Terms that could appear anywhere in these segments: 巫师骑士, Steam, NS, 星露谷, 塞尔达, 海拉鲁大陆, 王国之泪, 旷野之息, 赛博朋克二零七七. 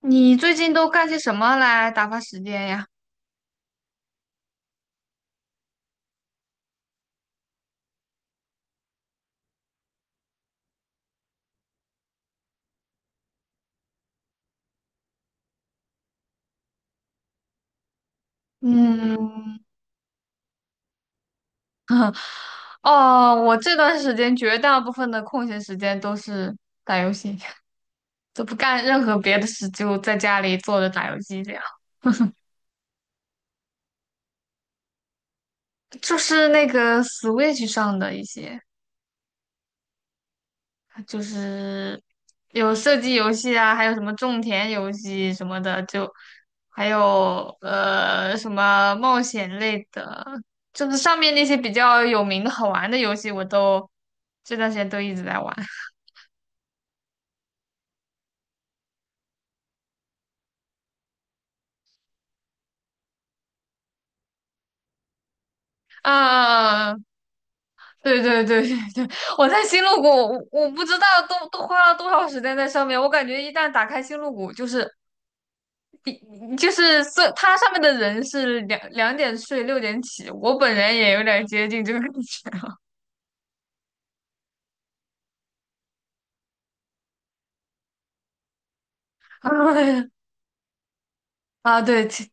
你最近都干些什么来打发时间呀？嗯，哦，我这段时间绝大部分的空闲时间都是打游戏，都不干任何别的事，就在家里坐着打游戏这样。就是那个 Switch 上的一些。就是有射击游戏啊，还有什么种田游戏什么的，就还有什么冒险类的，就是上面那些比较有名的好玩的游戏，我都这段时间都一直在玩。啊，对对对对对，我在星露谷，我不知道都花了多少时间在上面。我感觉一旦打开星露谷，就是比就是色，它上面的人是两点睡六点起，我本人也有点接近这个感觉。哎啊，对，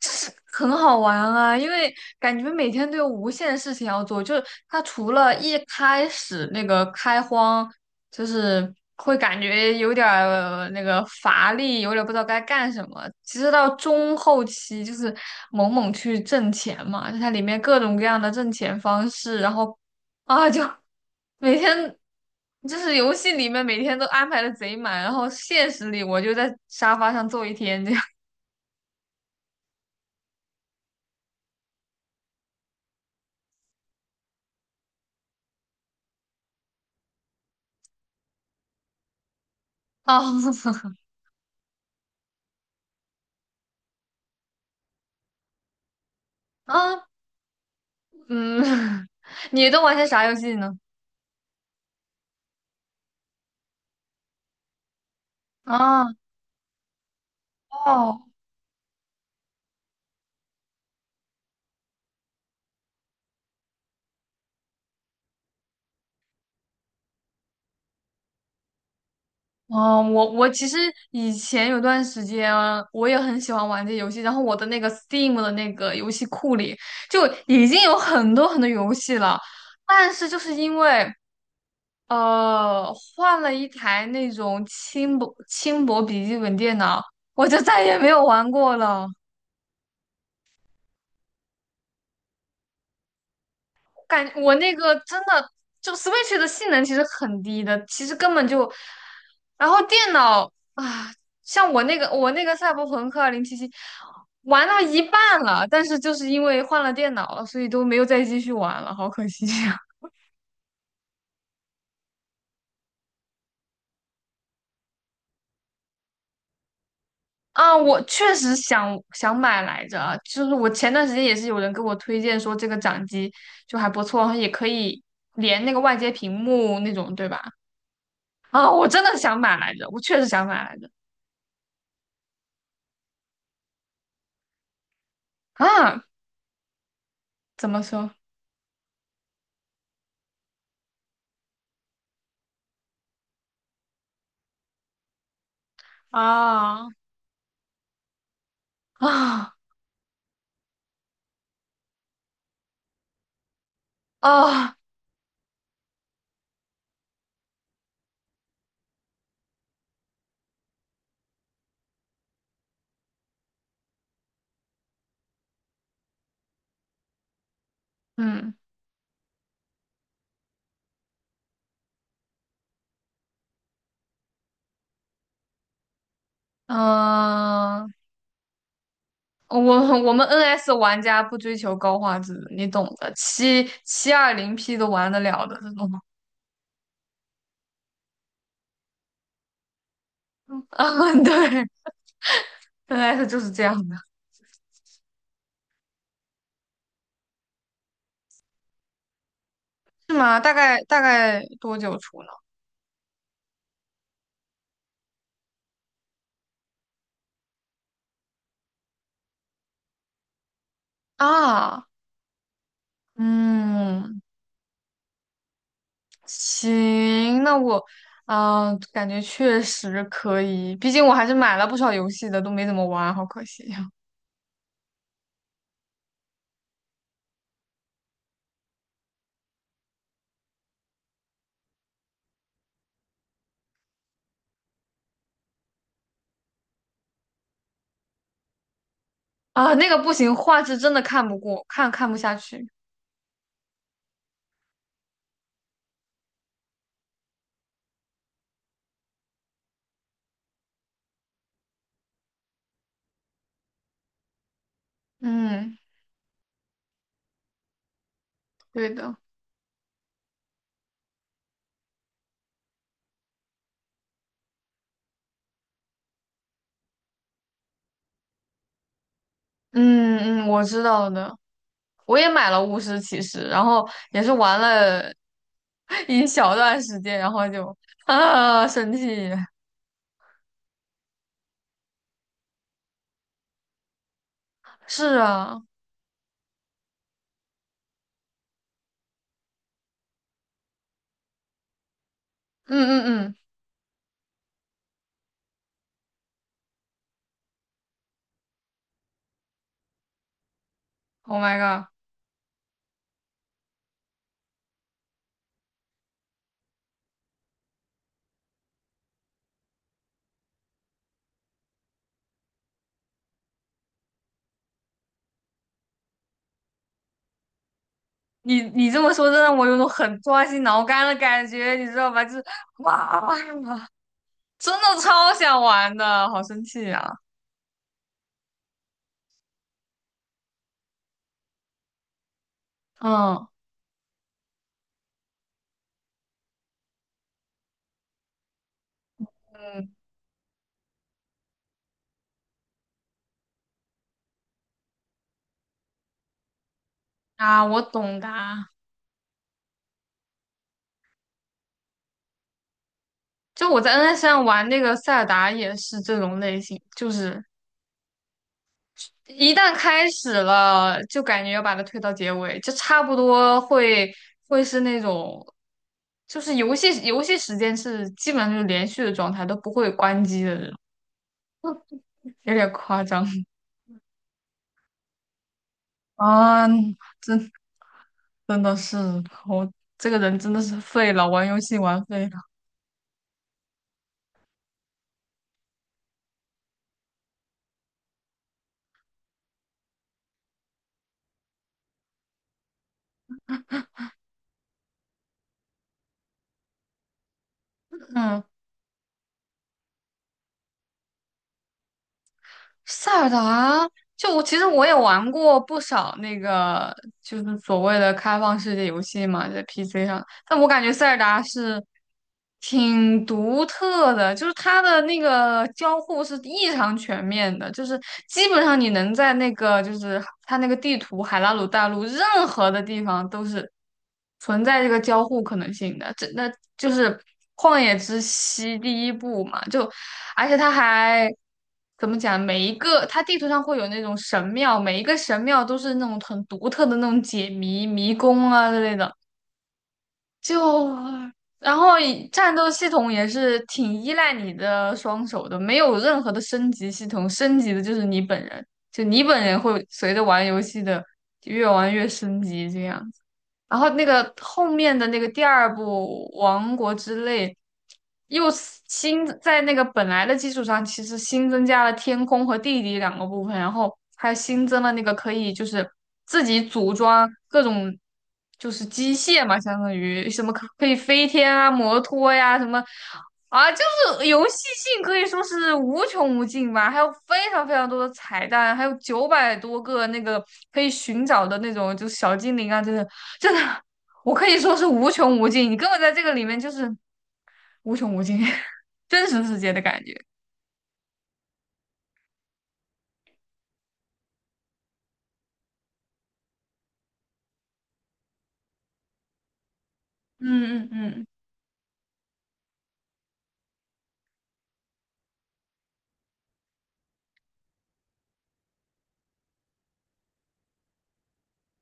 就是很好玩啊，因为感觉每天都有无限事情要做。就是它除了一开始那个开荒，就是会感觉有点儿那个乏力，有点儿不知道该干什么。其实到中后期，就是猛猛去挣钱嘛，就它里面各种各样的挣钱方式，然后啊，就每天就是游戏里面每天都安排的贼满，然后现实里我就在沙发上坐一天。这样。哦，啊。嗯，你都玩些啥游戏呢？啊。哦，哦，我其实以前有段时间啊我也很喜欢玩这游戏，然后我的那个 Steam 的那个游戏库里就已经有很多很多游戏了，但是就是因为换了一台那种轻薄笔记本电脑，我就再也没有玩过了。我那个真的就 Switch 的性能其实很低的，其实根本就，然后电脑啊，像我那个赛博朋克2077玩到一半了，但是就是因为换了电脑了，所以都没有再继续玩了，好可惜呀。啊，我确实想买来着啊，就是我前段时间也是有人给我推荐说这个掌机就还不错，然后也可以连那个外接屏幕那种，对吧？啊，我真的想买来着，我确实想买来着。啊，怎么说啊啊啊？嗯嗯，我我们 NS 玩家不追求高画质，你懂的，七七二零 P 都玩得了的这种。啊，对，NS 就是这样的。是吗？大概多久出呢？啊。嗯。行，那我啊，感觉确实可以，毕竟我还是买了不少游戏的，都没怎么玩，好可惜呀。啊，那个不行，画质真的看不过，看不下去。嗯，对的。嗯嗯，我知道的，我也买了《巫师骑士》，然后也是玩了 一小段时间，然后就啊生气。是啊，嗯嗯嗯，Oh my god，你你这么说，真让我有种很抓心挠肝的感觉，你知道吧？就是哇，真的超想玩的，好生气啊！嗯嗯啊，我懂的啊就我在 NS 上玩那个塞尔达也是这种类型，就是一旦开始了，就感觉要把它推到结尾，就差不多会是那种，就是游戏时间是基本上就是连续的状态，都不会关机的这种，有点夸张 啊！真真的是我这个人真的是废了，玩游戏玩废了。嗯，塞尔达啊，就我其实也玩过不少那个，就是所谓的开放世界游戏嘛，在 PC 上。但我感觉塞尔达是挺独特的，就是它的那个交互是异常全面的，就是基本上你能在那个就是它那个地图海拉鲁大陆任何的地方都是存在这个交互可能性的。这那就是《旷野之息》第一部嘛，就而且它还。怎么讲？每一个它地图上会有那种神庙，每一个神庙都是那种很独特的那种解谜迷宫啊之类的。就然后以战斗系统也是挺依赖你的双手的，没有任何的升级系统，升级的就是你本人，就你本人会随着玩游戏的越玩越升级这样。然后那个后面的那个第二部《王国之泪》，又是新在那个本来的基础上，其实新增加了天空和地底两个部分，然后还新增了那个可以就是自己组装各种就是机械嘛，相当于什么可以飞天啊、摩托呀、什么啊，就是游戏性可以说是无穷无尽吧，还有非常非常多的彩蛋，还有900多个那个可以寻找的那种就小精灵啊，这些。真的，我可以说是无穷无尽。你根本在这个里面就是无穷无尽，真实世界的感觉。嗯嗯嗯，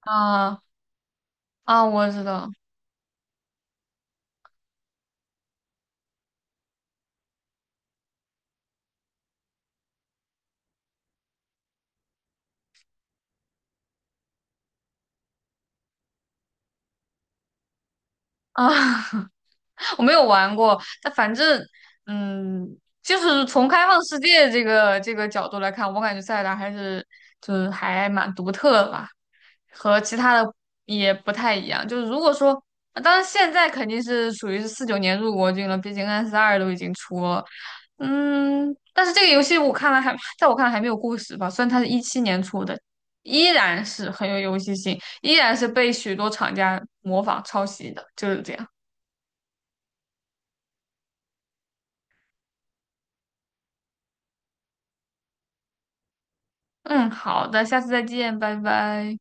啊啊，我知道。啊，我没有玩过，但反正，嗯，就是从开放世界这个角度来看，我感觉塞尔达还是就是还蛮独特的吧，和其他的也不太一样。就是如果说，当然现在肯定是属于是四九年入国军了，毕竟 NS2都已经出了，嗯，但是这个游戏我看来还，在我看来还没有故事吧，虽然它是17年出的，依然是很有游戏性。依然是被许多厂家模仿抄袭的，就是这样。嗯，好的，下次再见，拜拜。